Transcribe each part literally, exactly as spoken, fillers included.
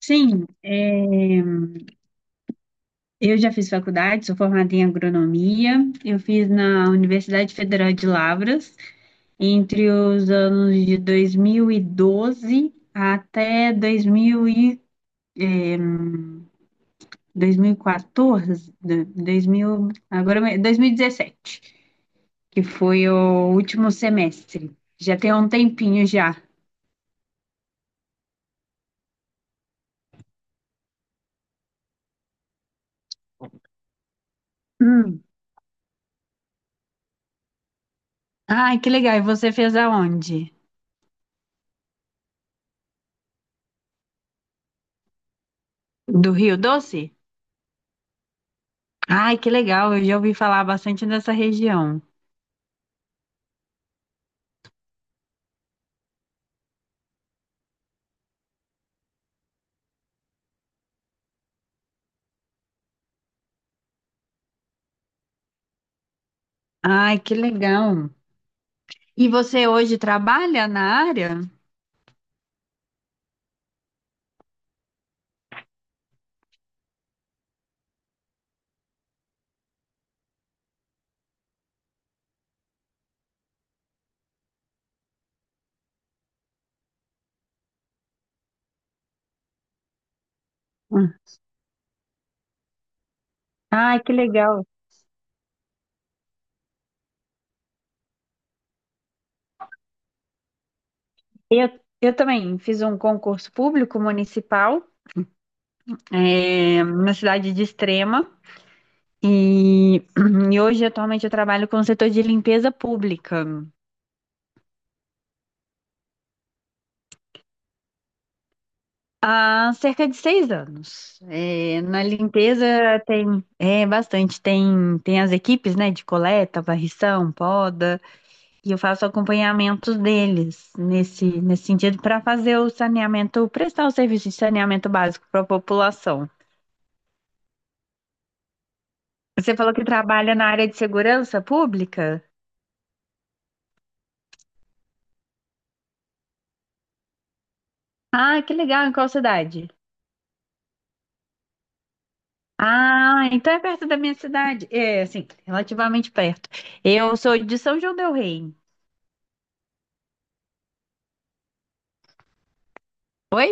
Sim, é, eu já fiz faculdade, sou formada em agronomia. Eu fiz na Universidade Federal de Lavras entre os anos de dois mil e doze até dois mil e, é, dois mil e quatorze, do- dois mil, agora dois mil e dezessete, que foi o último semestre. Já tem um tempinho já. Hum. Ai, que legal. E você fez aonde? Do Rio Doce? Ai, que legal. Eu já ouvi falar bastante dessa região. Ai, que legal. E você hoje trabalha na área? Hum. Ai, que legal. Eu, eu também fiz um concurso público municipal, é, na cidade de Extrema. E, e hoje, atualmente, eu trabalho com o setor de limpeza pública há cerca de seis anos. É, na limpeza tem é, bastante, tem, tem as equipes, né, de coleta, varrição, poda. E eu faço acompanhamento deles nesse, nesse sentido para fazer o saneamento, prestar o serviço de saneamento básico para a população. Você falou que trabalha na área de segurança pública? Ah, que legal, em qual cidade? Ah, então é perto da minha cidade. É, assim, relativamente perto. Eu sou de São João del Rei. Oi?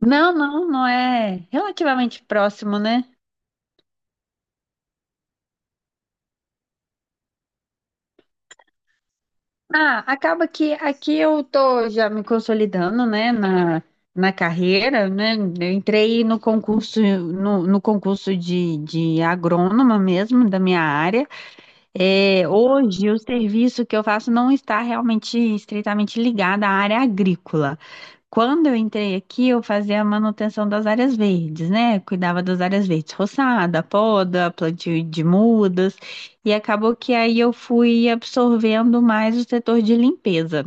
Não, não, não é relativamente próximo, né? Ah, acaba que aqui eu tô já me consolidando, né, na, na carreira, né? Eu entrei no concurso, no, no concurso de, de agrônoma mesmo, da minha área. É, hoje, o serviço que eu faço não está realmente estritamente ligado à área agrícola. Quando eu entrei aqui, eu fazia a manutenção das áreas verdes, né? Cuidava das áreas verdes, roçada, poda, plantio de mudas, e acabou que aí eu fui absorvendo mais o setor de limpeza.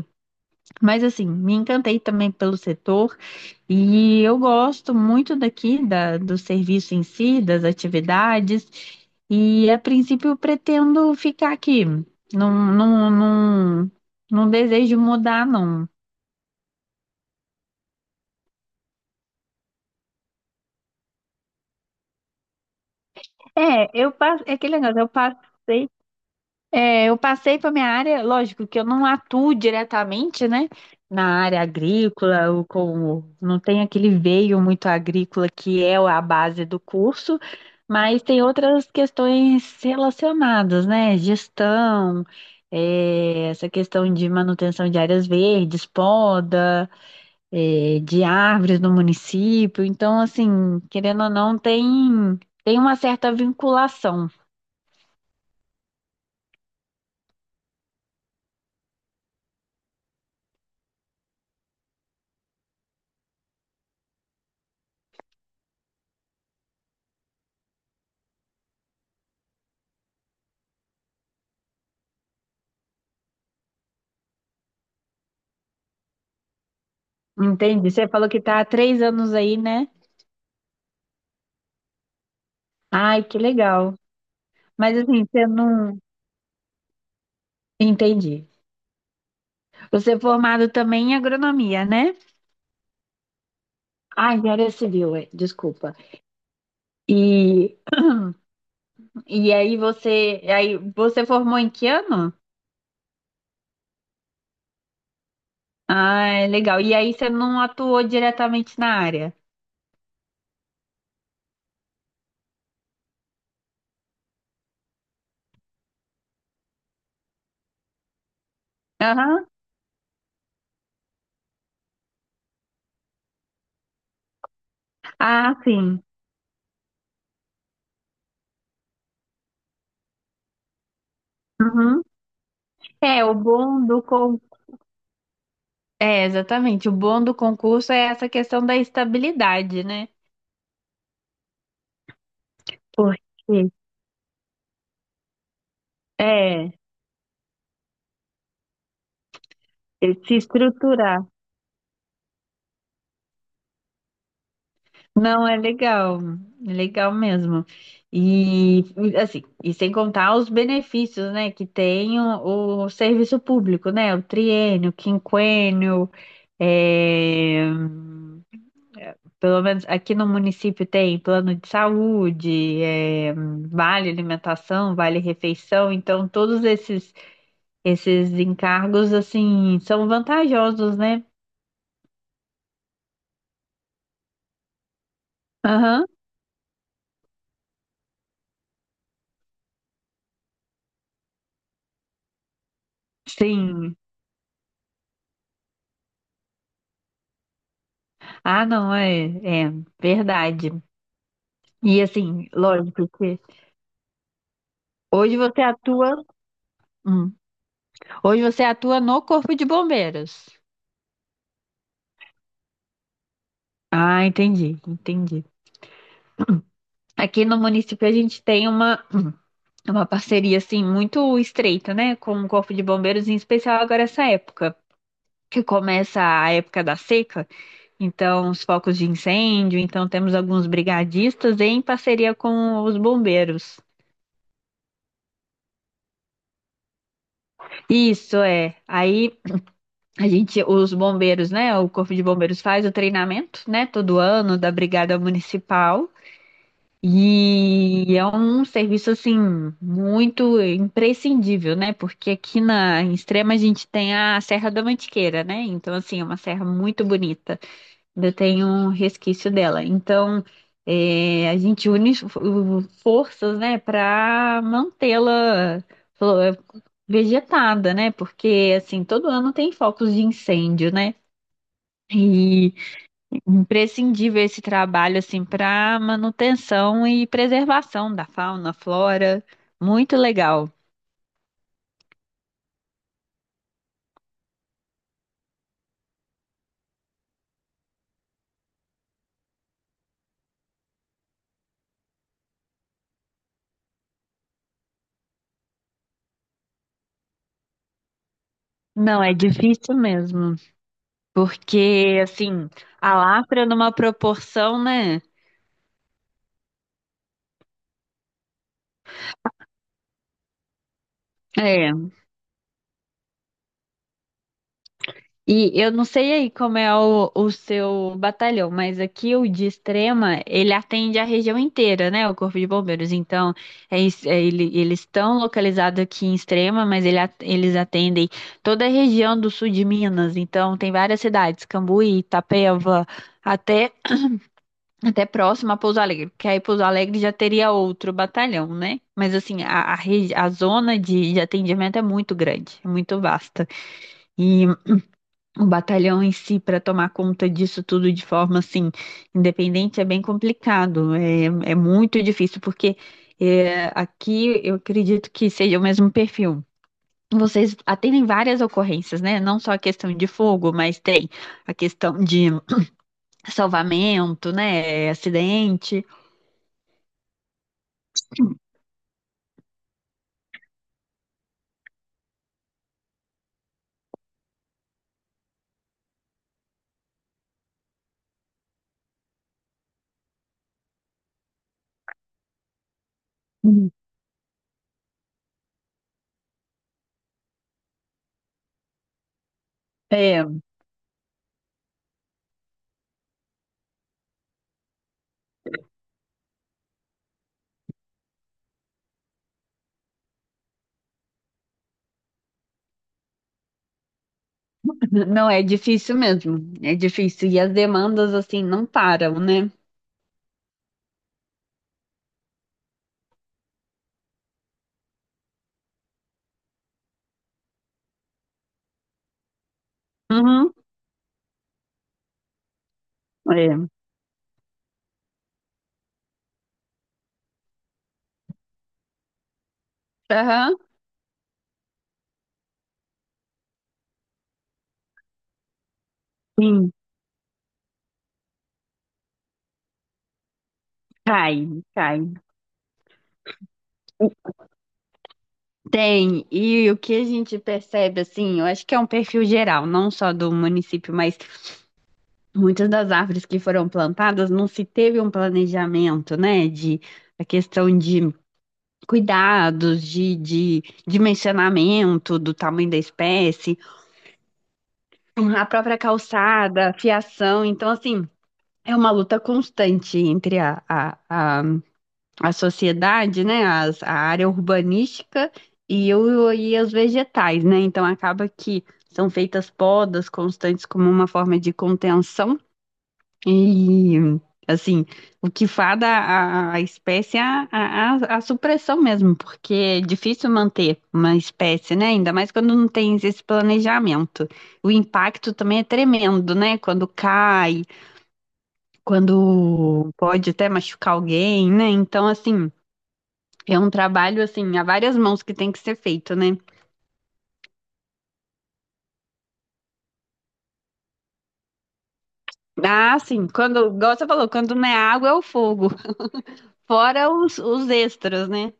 Mas assim, me encantei também pelo setor. E eu gosto muito daqui da, do serviço em si, das atividades, e a princípio eu pretendo ficar aqui. Não, não, não, não desejo mudar, não. É, eu passo, é aquele negócio, eu passei É, eu passei para minha área, lógico que eu não atuo diretamente, né, na área agrícola, ou com não tem aquele veio muito agrícola que é a base do curso, mas tem outras questões relacionadas, né, gestão, é, essa questão de manutenção de áreas verdes, poda, é, de árvores no município. Então, assim, querendo ou não, tem tem uma certa vinculação. Entende? Você falou que está há três anos aí, né? Ai, que legal. Mas assim, você não. Entendi. Você é formado também em agronomia, né? Ah, em área civil, é, desculpa. E, e aí você, aí você formou em que ano? Ah, legal. E aí você não atuou diretamente na área? Aham. Ah, sim. Uhum. É, o bom do con... É, exatamente. O bom do concurso é essa questão da estabilidade, né? Porque, é, ele se estruturar. Não, é legal, é legal mesmo. E assim, e sem contar os benefícios, né, que tem o, o serviço público, né? O triênio, o quinquênio, é, pelo menos aqui no município tem plano de saúde, é, vale alimentação, vale refeição, então todos esses esses encargos assim são vantajosos, né? Aham, sim. Ah, não, é, é verdade. E assim, lógico que hoje você atua, hum, hoje você atua no Corpo de Bombeiros. Ah, entendi, entendi. Aqui no município a gente tem uma, hum, uma parceria assim muito estreita, né, com o Corpo de Bombeiros, em especial agora essa época, que começa a época da seca, então os focos de incêndio, então temos alguns brigadistas em parceria com os bombeiros. Isso é. Aí a gente, os bombeiros, né? O Corpo de Bombeiros faz o treinamento, né? Todo ano da Brigada Municipal. E é um serviço, assim, muito imprescindível, né? Porque aqui na, em Extrema a gente tem a Serra da Mantiqueira, né? Então, assim, é uma serra muito bonita ainda tem um resquício dela. Então, é, a gente une fo- forças, né, para mantê-la flo- vegetada, né? Porque assim, todo ano tem focos de incêndio, né? E imprescindível esse trabalho assim para manutenção e preservação da fauna, flora, muito legal. Não, é difícil mesmo, porque assim, a lafra numa proporção, né? É. E eu não sei aí como é o, o seu batalhão, mas aqui o de Extrema, ele atende a região inteira, né? O Corpo de Bombeiros. Então, é isso, é, ele- eles estão localizados aqui em Extrema, mas ele at- eles atendem toda a região do sul de Minas. Então, tem várias cidades, Cambuí, Itapeva, até, até próximo a Pouso Alegre, porque aí Pouso Alegre já teria outro batalhão, né? Mas, assim, a, a, regi- a zona de de atendimento é muito grande, é muito vasta. E o batalhão em si, para tomar conta disso tudo de forma assim, independente, é bem complicado. É, é muito difícil, porque é, aqui eu acredito que seja o mesmo perfil. Vocês atendem várias ocorrências, né? Não só a questão de fogo, mas tem a questão de salvamento, né? Acidente. Uhum. É, não, é difícil mesmo. É difícil. E as demandas, assim, não param, né? Uhum. É. Aham. Sim, cai, cai. Tem, e o que a gente percebe, assim, eu acho que é um perfil geral, não só do município, mas muitas das árvores que foram plantadas não se teve um planejamento, né, de a questão de cuidados, de, de dimensionamento do tamanho da espécie, a própria calçada, a fiação, então, assim, é uma luta constante entre a, a, a a sociedade, né, as- a área urbanística e, o, e os vegetais, né? Então acaba que são feitas podas constantes como uma forma de contenção e assim, o que fada a, a espécie é a, a, a supressão mesmo, porque é difícil manter uma espécie, né? Ainda mais quando não tem esse planejamento. O impacto também é tremendo, né? Quando cai, quando pode até machucar alguém, né? Então, assim, é um trabalho, assim, há várias mãos que tem que ser feito, né? Ah, sim, quando, igual você falou, quando não é água, é o fogo. Fora os, os extras, né?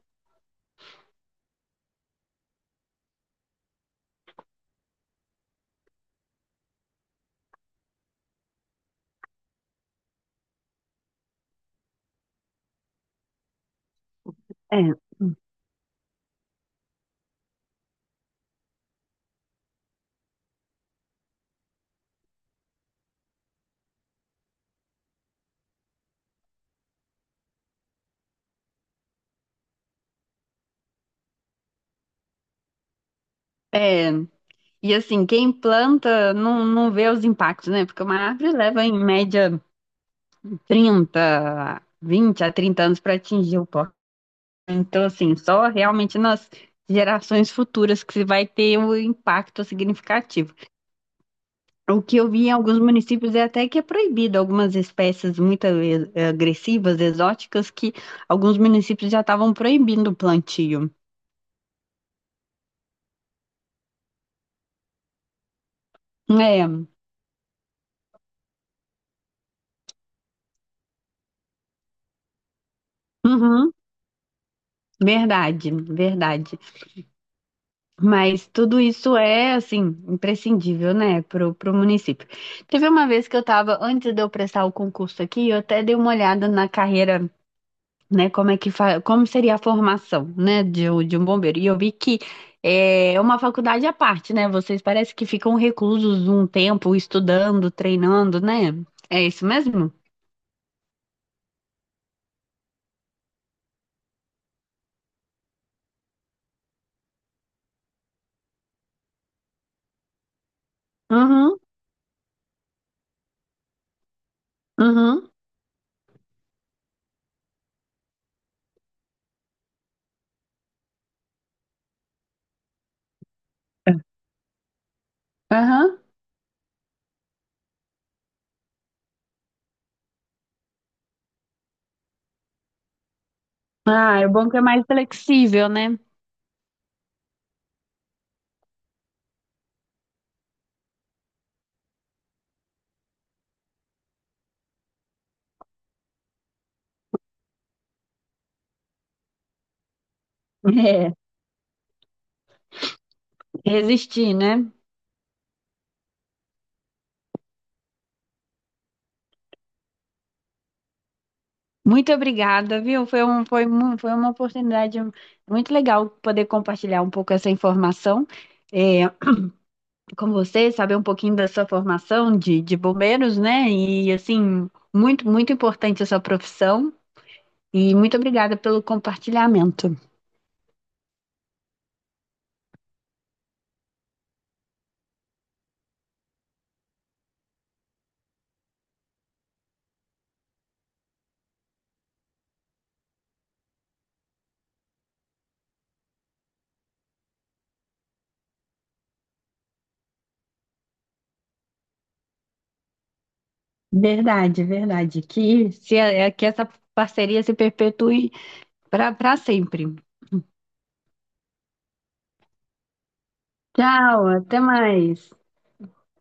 É. É. E assim, quem planta não, não vê os impactos, né? Porque uma árvore leva em média trinta, vinte a trinta anos para atingir o pó. Então, assim, só realmente nas gerações futuras que se vai ter um impacto significativo. O que eu vi em alguns municípios é até que é proibido algumas espécies muito eh, agressivas, exóticas, que alguns municípios já estavam proibindo o plantio. É, uhum, verdade, verdade. Mas tudo isso é, assim, imprescindível, né, pro, pro município. Teve uma vez que eu estava, antes de eu prestar o concurso aqui, eu até dei uma olhada na carreira né? Como é que fa... Como seria a formação, né, de, um- de um bombeiro? E eu vi que eh, é uma faculdade à parte, né? Vocês parece que ficam reclusos um tempo estudando, treinando, né? É isso mesmo? Uhum, uhum, aham. Ah, é bom que é mais flexível, né? É, resistir, né? Muito obrigada, viu? Foi um, foi, mu- Foi uma oportunidade muito legal poder compartilhar um pouco essa informação. É, com você, saber um pouquinho da sua formação de, de bombeiros, né? E assim, muito, muito importante a sua profissão. E muito obrigada pelo compartilhamento. Verdade, verdade. Que, se, que essa parceria se perpetue para para sempre. Tchau, até mais.